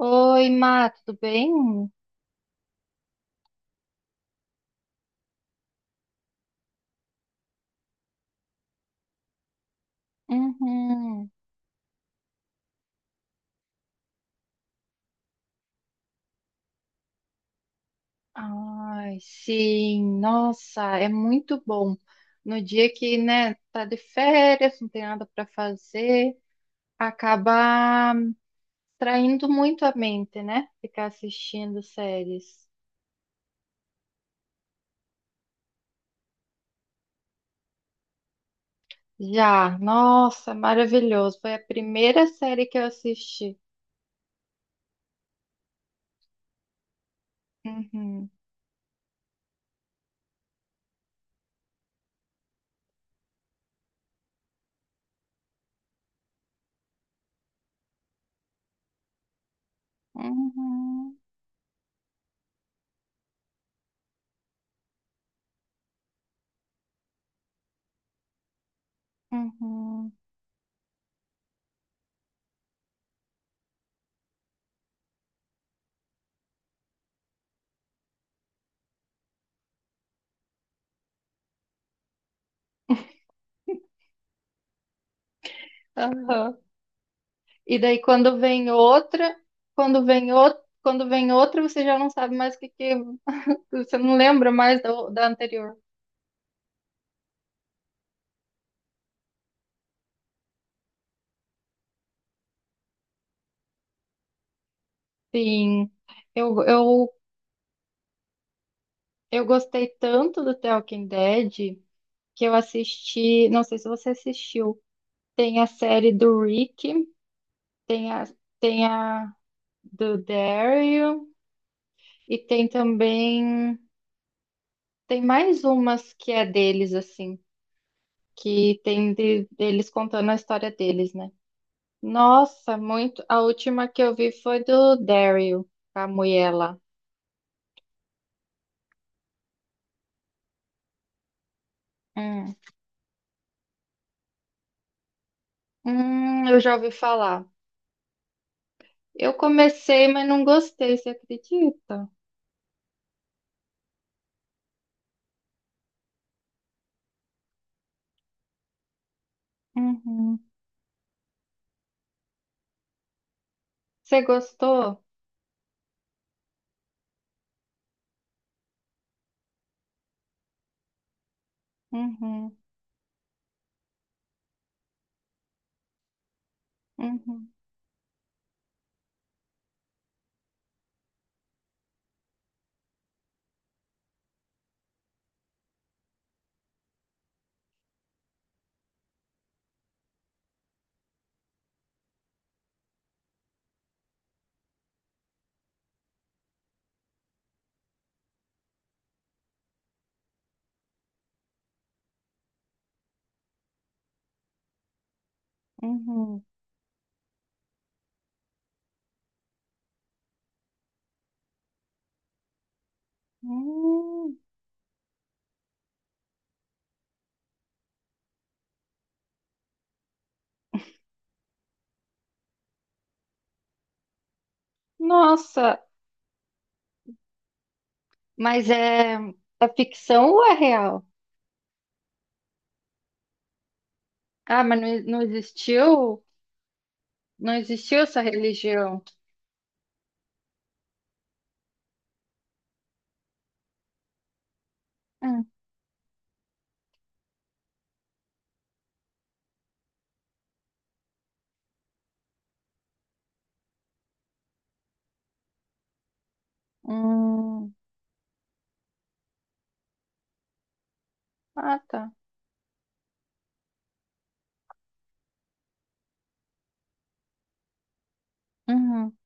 Oi, Má, tudo bem? Uhum. Ai, sim, nossa, é muito bom. No dia que, né, tá de férias, não tem nada para fazer, acaba traindo muito a mente, né? Ficar assistindo séries. Já, nossa, maravilhoso. Foi a primeira série que eu assisti. Uhum. Uhum. Uhum. Aham. E daí quando vem outra, quando vem outra, quando vem outra, você já não sabe mais o que você não lembra mais da anterior. Sim, eu, eu, eu gostei tanto do The Walking Dead que eu assisti, não sei se você assistiu, tem a série do Rick, tem a, tem a do Daryl e tem também, tem mais umas que é deles, assim, que tem deles contando a história deles, né? Nossa, muito. A última que eu vi foi do Daryl, com a mulher lá. Hum. Eu já ouvi falar. Eu comecei, mas não gostei, você acredita? Uhum. Você gostou? Uhum. Uhum. Uhum. Hum. Nossa, mas é ficção ou é real? Ah, mas não existiu? Não existiu essa religião? Hum. Hum. Ah, tá. Uhum.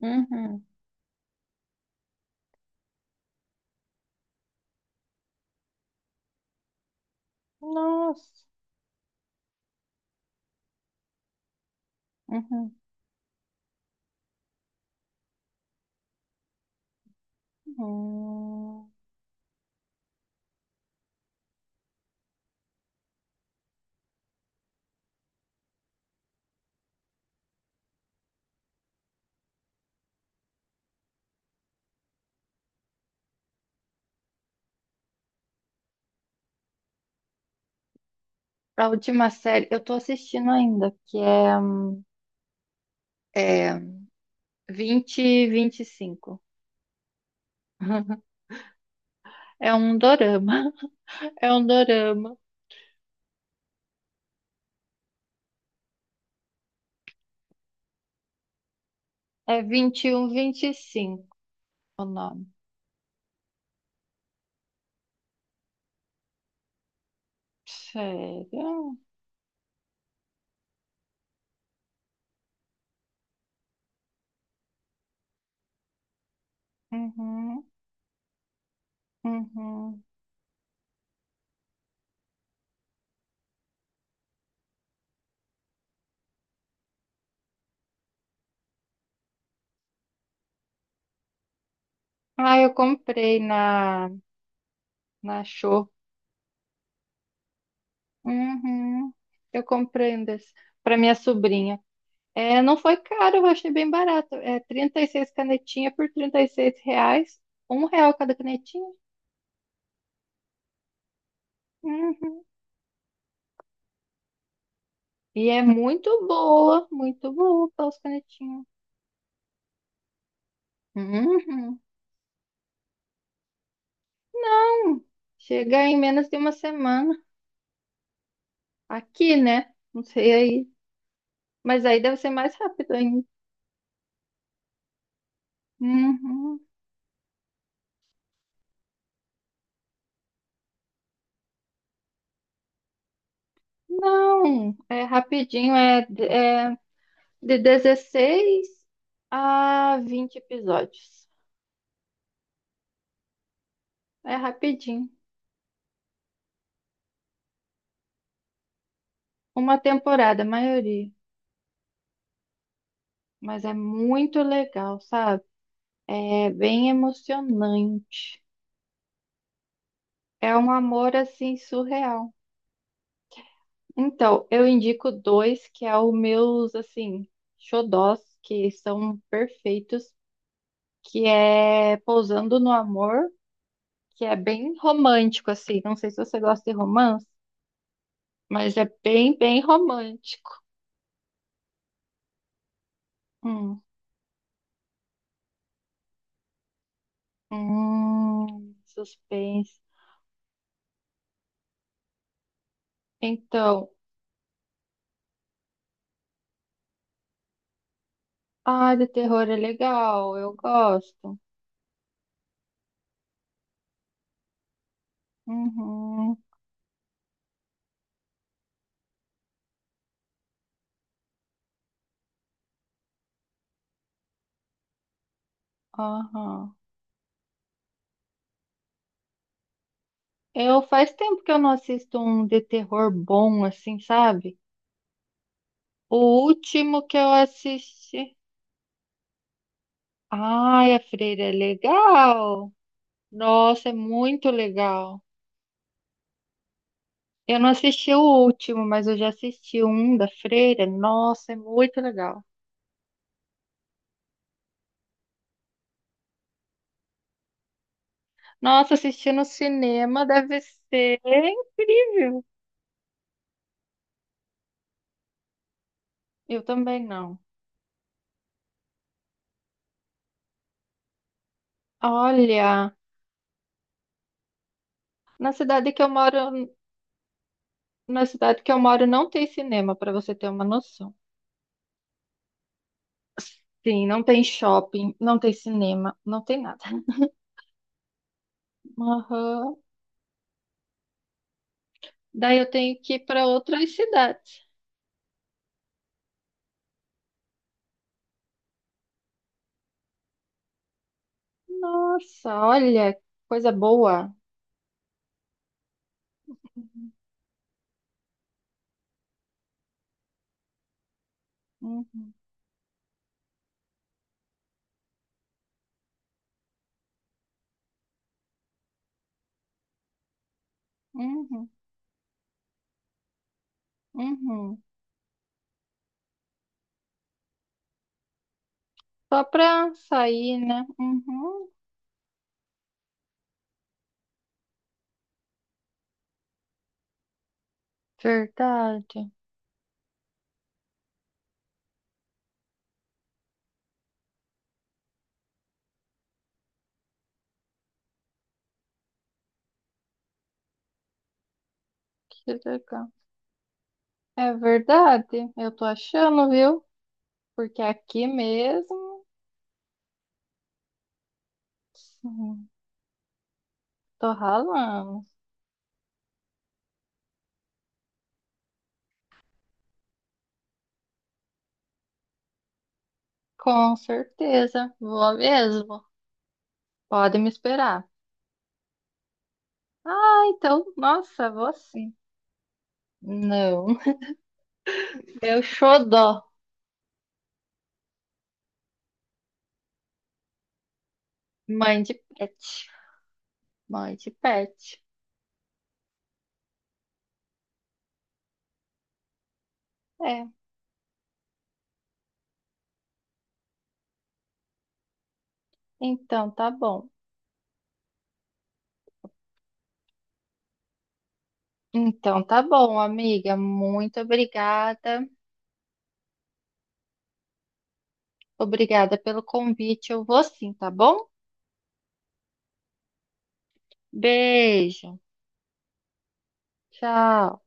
Uhum. Nossa. Uhum. Hum, a última série, eu tô assistindo ainda, que é vinte vinte e vinte e cinco. É um dorama. É um dorama. É um 2125 o nome. Sério? Uhum, uhum. Ah, eu comprei na Show. Uhum. Eu comprei um desse para minha sobrinha. É, não foi caro, eu achei bem barato. É 36 canetinhas por 36 reais. Um real cada canetinha. Uhum. E é muito boa para os canetinhos. Uhum. Chega em menos de uma semana. Aqui, né? Não sei aí. Mas aí deve ser mais rápido ainda. Uhum. Não, é rapidinho, é de 16 a 20 episódios. É rapidinho. Uma temporada, a maioria. Mas é muito legal, sabe? É bem emocionante. É um amor assim surreal. Então, eu indico dois que é o meus, assim, xodós, que são perfeitos, que é Pousando no Amor, que é bem romântico, assim. Não sei se você gosta de romance, mas é bem, bem romântico. Hum, suspense. Então, ah, de terror é legal, eu gosto. Uhum, aham. Eu faz tempo que eu não assisto um de terror bom, assim, sabe? O último que eu assisti. Ai, a Freira é legal. Nossa, é muito legal. Eu não assisti o último, mas eu já assisti um da Freira. Nossa, é muito legal. Nossa, assistir no cinema deve ser incrível. Eu também não. Olha, na cidade que eu moro, na cidade que eu moro não tem cinema, para você ter uma noção. Sim, não tem shopping, não tem cinema, não tem nada. Aham. Daí eu tenho que ir para outras cidades. Nossa, olha, coisa boa. Uhum, uhum, uhum, uhum. Só para sair, né? Uhum. Verdade. Que legal. É verdade, eu tô achando, viu? Porque aqui mesmo, sim, tô ralando. Com certeza, vou mesmo. Pode me esperar. Ah, então, nossa, vou sim. Não, meu xodó, mãe de pet. Mãe de pet. É, então tá bom. Então tá bom, amiga. Muito obrigada. Obrigada pelo convite. Eu vou sim, tá bom? Beijo. Tchau.